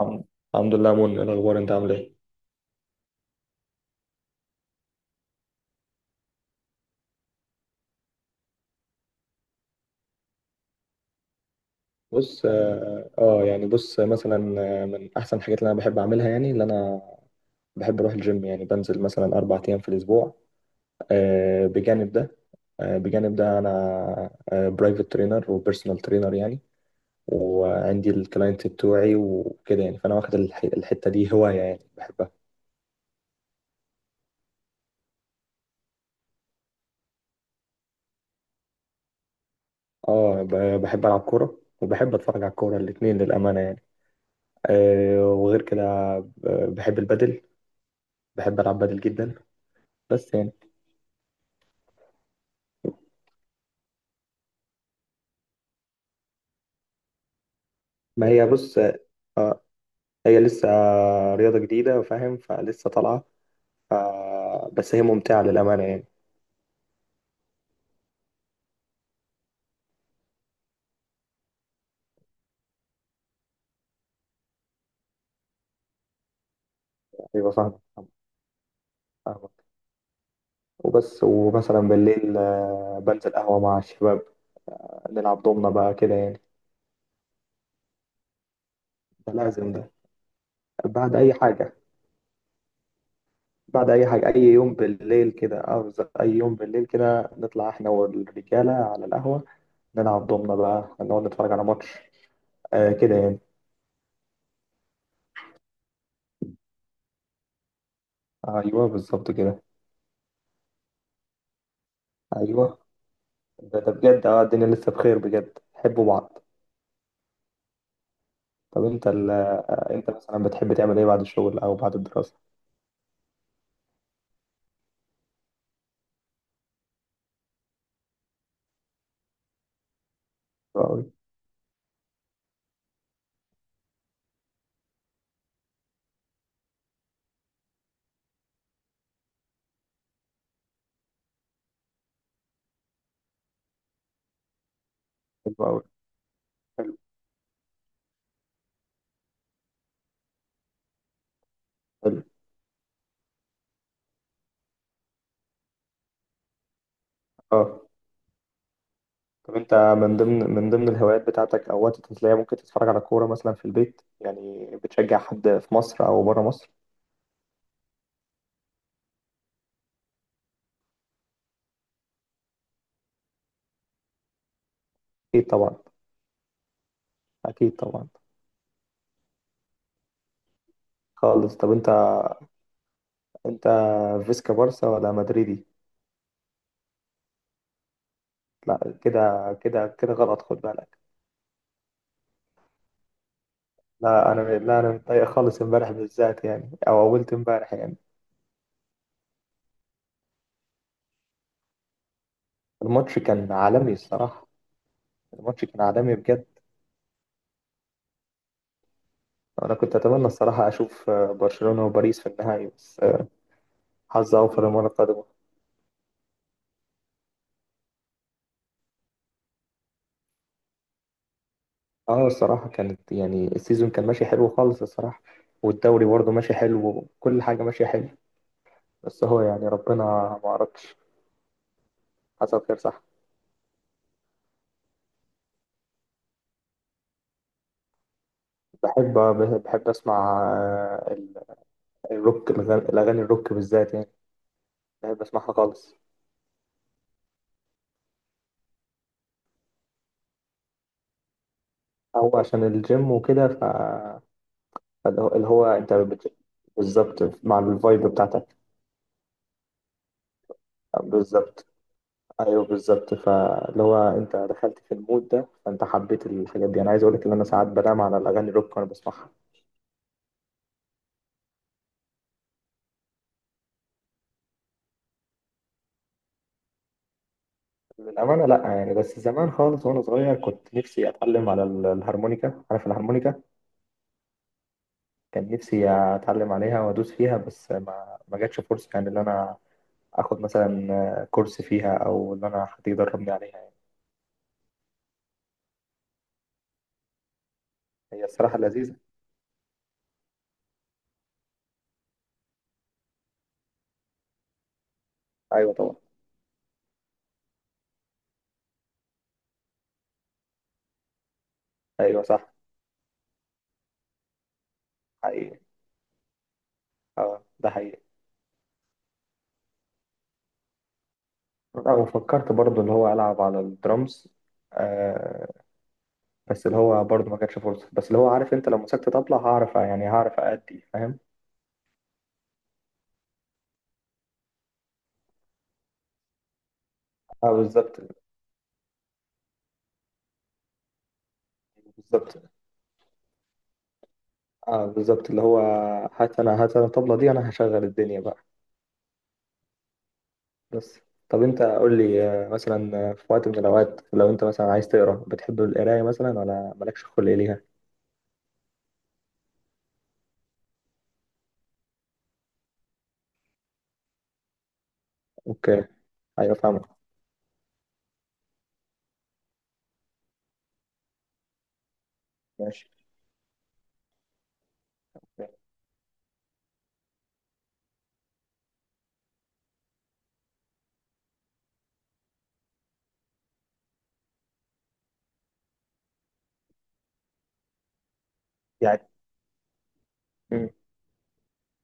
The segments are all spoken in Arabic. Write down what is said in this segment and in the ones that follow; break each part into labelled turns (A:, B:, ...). A: الحمد الحمد لله يا منى، إيه الاخبار؟ انت عامل ايه؟ بص، يعني بص مثلا. من احسن الحاجات اللي انا بحب اعملها، يعني اللي انا بحب اروح الجيم. يعني بنزل مثلا 4 ايام في الاسبوع. آه، بجانب ده بجانب ده انا برايفت ترينر وبيرسونال ترينر يعني. وعندي الكلاينت بتوعي وكده، يعني فانا واخد الحتة دي هواية يعني بحبها. اه، بحب العب كورة وبحب اتفرج على الكورة، الاتنين للأمانة يعني. وغير كده، بحب البادل، بحب العب بادل جدا. بس يعني، ما هي بص، آه، هي لسه رياضة جديدة، فاهم؟ فلسه طالعة، ف- بس هي ممتعة للأمانة يعني. أيوة فاهم، فاهمك. وبس، ومثلا بالليل بنزل قهوة مع الشباب، نلعب دومنا بقى كده يعني. ده لازم، ده بعد أي حاجة، بعد أي حاجة أي يوم بالليل كده، أي يوم بالليل كده نطلع إحنا والرجالة على القهوة. نلعب دومنا بقى، نقعد نتفرج على ماتش كده يعني. أيوة بالظبط كده. أيوة، ده بجد، اه الدنيا لسه بخير بجد، حبوا بعض. طب انت انت مثلا بتحب تعمل ايه بعد الشغل او بعد الدراسة؟ حلو قوي، حلو قوي، حلو، حلو، اه. طب انت، من ضمن الهوايات بتاعتك او وقت تسلية، ممكن تتفرج على كورة مثلا في البيت؟ يعني بتشجع حد في مصر او بره مصر؟ اكيد طبعا، اكيد طبعا، خالص. طب انت، انت فيسكا بارسا ولا مدريدي؟ لا، كده كده كده غلط، خد بالك. لا انا متضايق خالص امبارح بالذات يعني، او اولت امبارح يعني. الماتش كان عالمي الصراحة، الماتش كان عالمي بجد. أنا كنت أتمنى الصراحة أشوف برشلونة وباريس في النهائي، بس حظ أوفر المرة القادمة. أه، الصراحة كانت يعني السيزون كان ماشي حلو خالص الصراحة، والدوري برضه ماشي حلو، وكل حاجة ماشية حلو، بس هو يعني ربنا ما أردش. حصل خير، صح. بحب بحب أسمع الروك، الأغاني الروك بالذات يعني، بحب أسمعها خالص. هو عشان الجيم وكده، فاللي هو أنت بالظبط مع الفايب بتاعت. بالظبط، ايوه بالظبط. فاللي هو انت دخلت في المود ده، فانت حبيت الحاجات دي. انا عايز اقول لك ان انا ساعات بنام على الاغاني الروك وانا بسمعها. للامانه لا، يعني بس زمان خالص وانا صغير كنت نفسي اتعلم على الهارمونيكا، عارف الهارمونيكا؟ كان نفسي اتعلم عليها وادوس فيها، بس ما جاتش فرصه يعني ان انا اخد مثلا كورس فيها، او ان انا حد يدربني عليها يعني. هي الصراحه لذيذه. ايوه طبعا. ايوه صح. حقيقي، اه ده حقيقي. لا، وفكرت برضو اللي هو العب على الدرامز. آه، بس اللي هو برضه ما كانتش فرصة. بس اللي هو عارف، انت لو مسكت طبلة هعرف، يعني هعرف أأدي، فاهم؟ اه بالظبط، بالظبط. اه بالظبط، اللي هو هات انا، هات انا الطبلة دي، انا هشغل الدنيا بقى. بس. طب انت قول لي مثلا في وقت من الاوقات لو انت مثلا عايز تقرا، بتحب القراية مثلا ولا مالكش خلق ليها؟ اوكي. ايوه فاهمك. ماشي يعني. مم.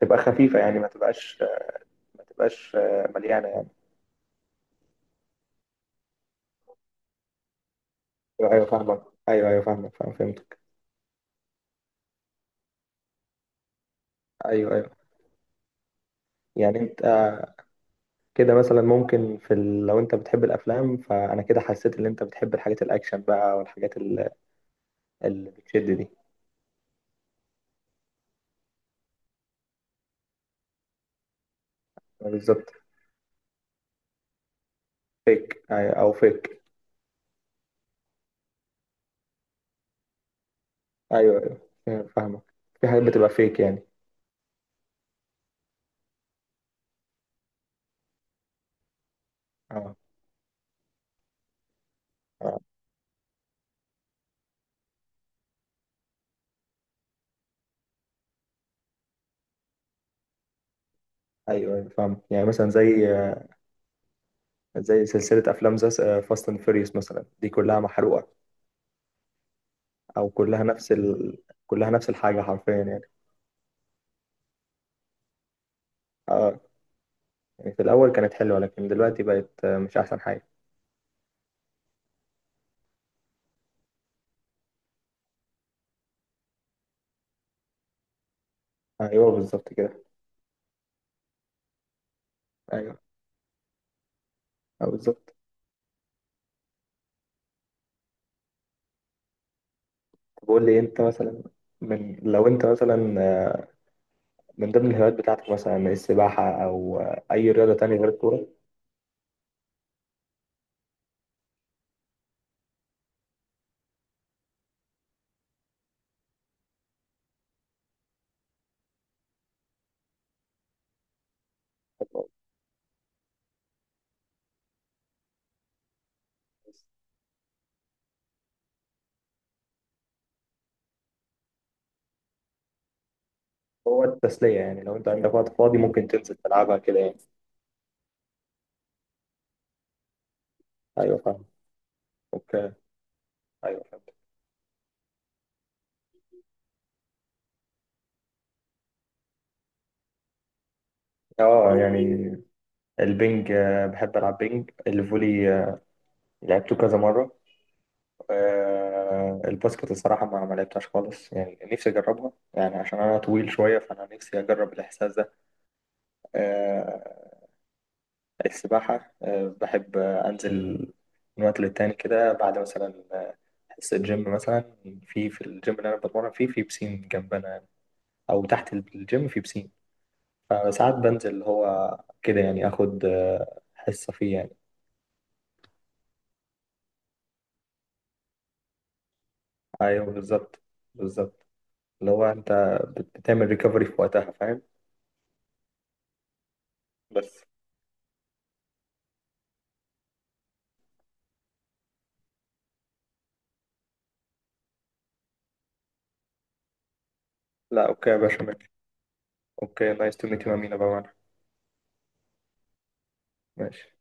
A: تبقى خفيفة يعني ما تبقاش مليانة يعني. ايوه أيوة، فاهمك. ايوه ايوه فاهمك، فاهم، فهمتك. ايوه ايوه، يعني انت، كده مثلا ممكن في لو انت بتحب الافلام، فانا كده حسيت ان انت بتحب الحاجات الاكشن بقى، والحاجات اللي بتشد دي. بالظبط. فيك او فيك. ايوه ايوه فاهمك، في حاجات بتبقى فيك يعني. اه آه. ايوه ايوه فاهم، يعني مثلا زي سلسله افلام زي فاست اند فيريوس مثلا، دي كلها محروقه. او كلها نفس كلها نفس الحاجه حرفيا يعني. اه، يعني في الاول كانت حلوه لكن دلوقتي بقت مش احسن حاجه. ايوه بالظبط كده. ايوه بالظبط. بقول لي انت مثلا، لو انت مثلا من ضمن الهوايات بتاعتك، مثلا السباحة او اي رياضة تانية غير الكورة؟ هو التسلية يعني، لو انت عندك وقت فاضي ممكن تنزل تلعبها كده يعني. ايوه فاهم. اوكي. ايوه فاهم. اه يعني، البنج بحب العب بنج، الفولي لعبته كذا مرة. الباسكت الصراحة ما لعبتهاش خالص، يعني نفسي أجربها يعني عشان أنا طويل شوية، فأنا نفسي أجرب الإحساس ده. آه، السباحة بحب أنزل من وقت للتاني كده، بعد مثلا حصة جيم مثلا، في الجيم اللي أنا بتمرن فيه في بسين جنبنا يعني، أو تحت الجيم في بسين. فساعات بنزل اللي هو كده يعني، آخد حصة فيه يعني. أيوه بالظبط، بالظبط، اللي هو أنت بتعمل ريكفري في وقتها، فاهم؟ بس. لا أوكي يا باشا، ماشي. أوكي، نايس تو ميت يو أمينة بقى. ماشي.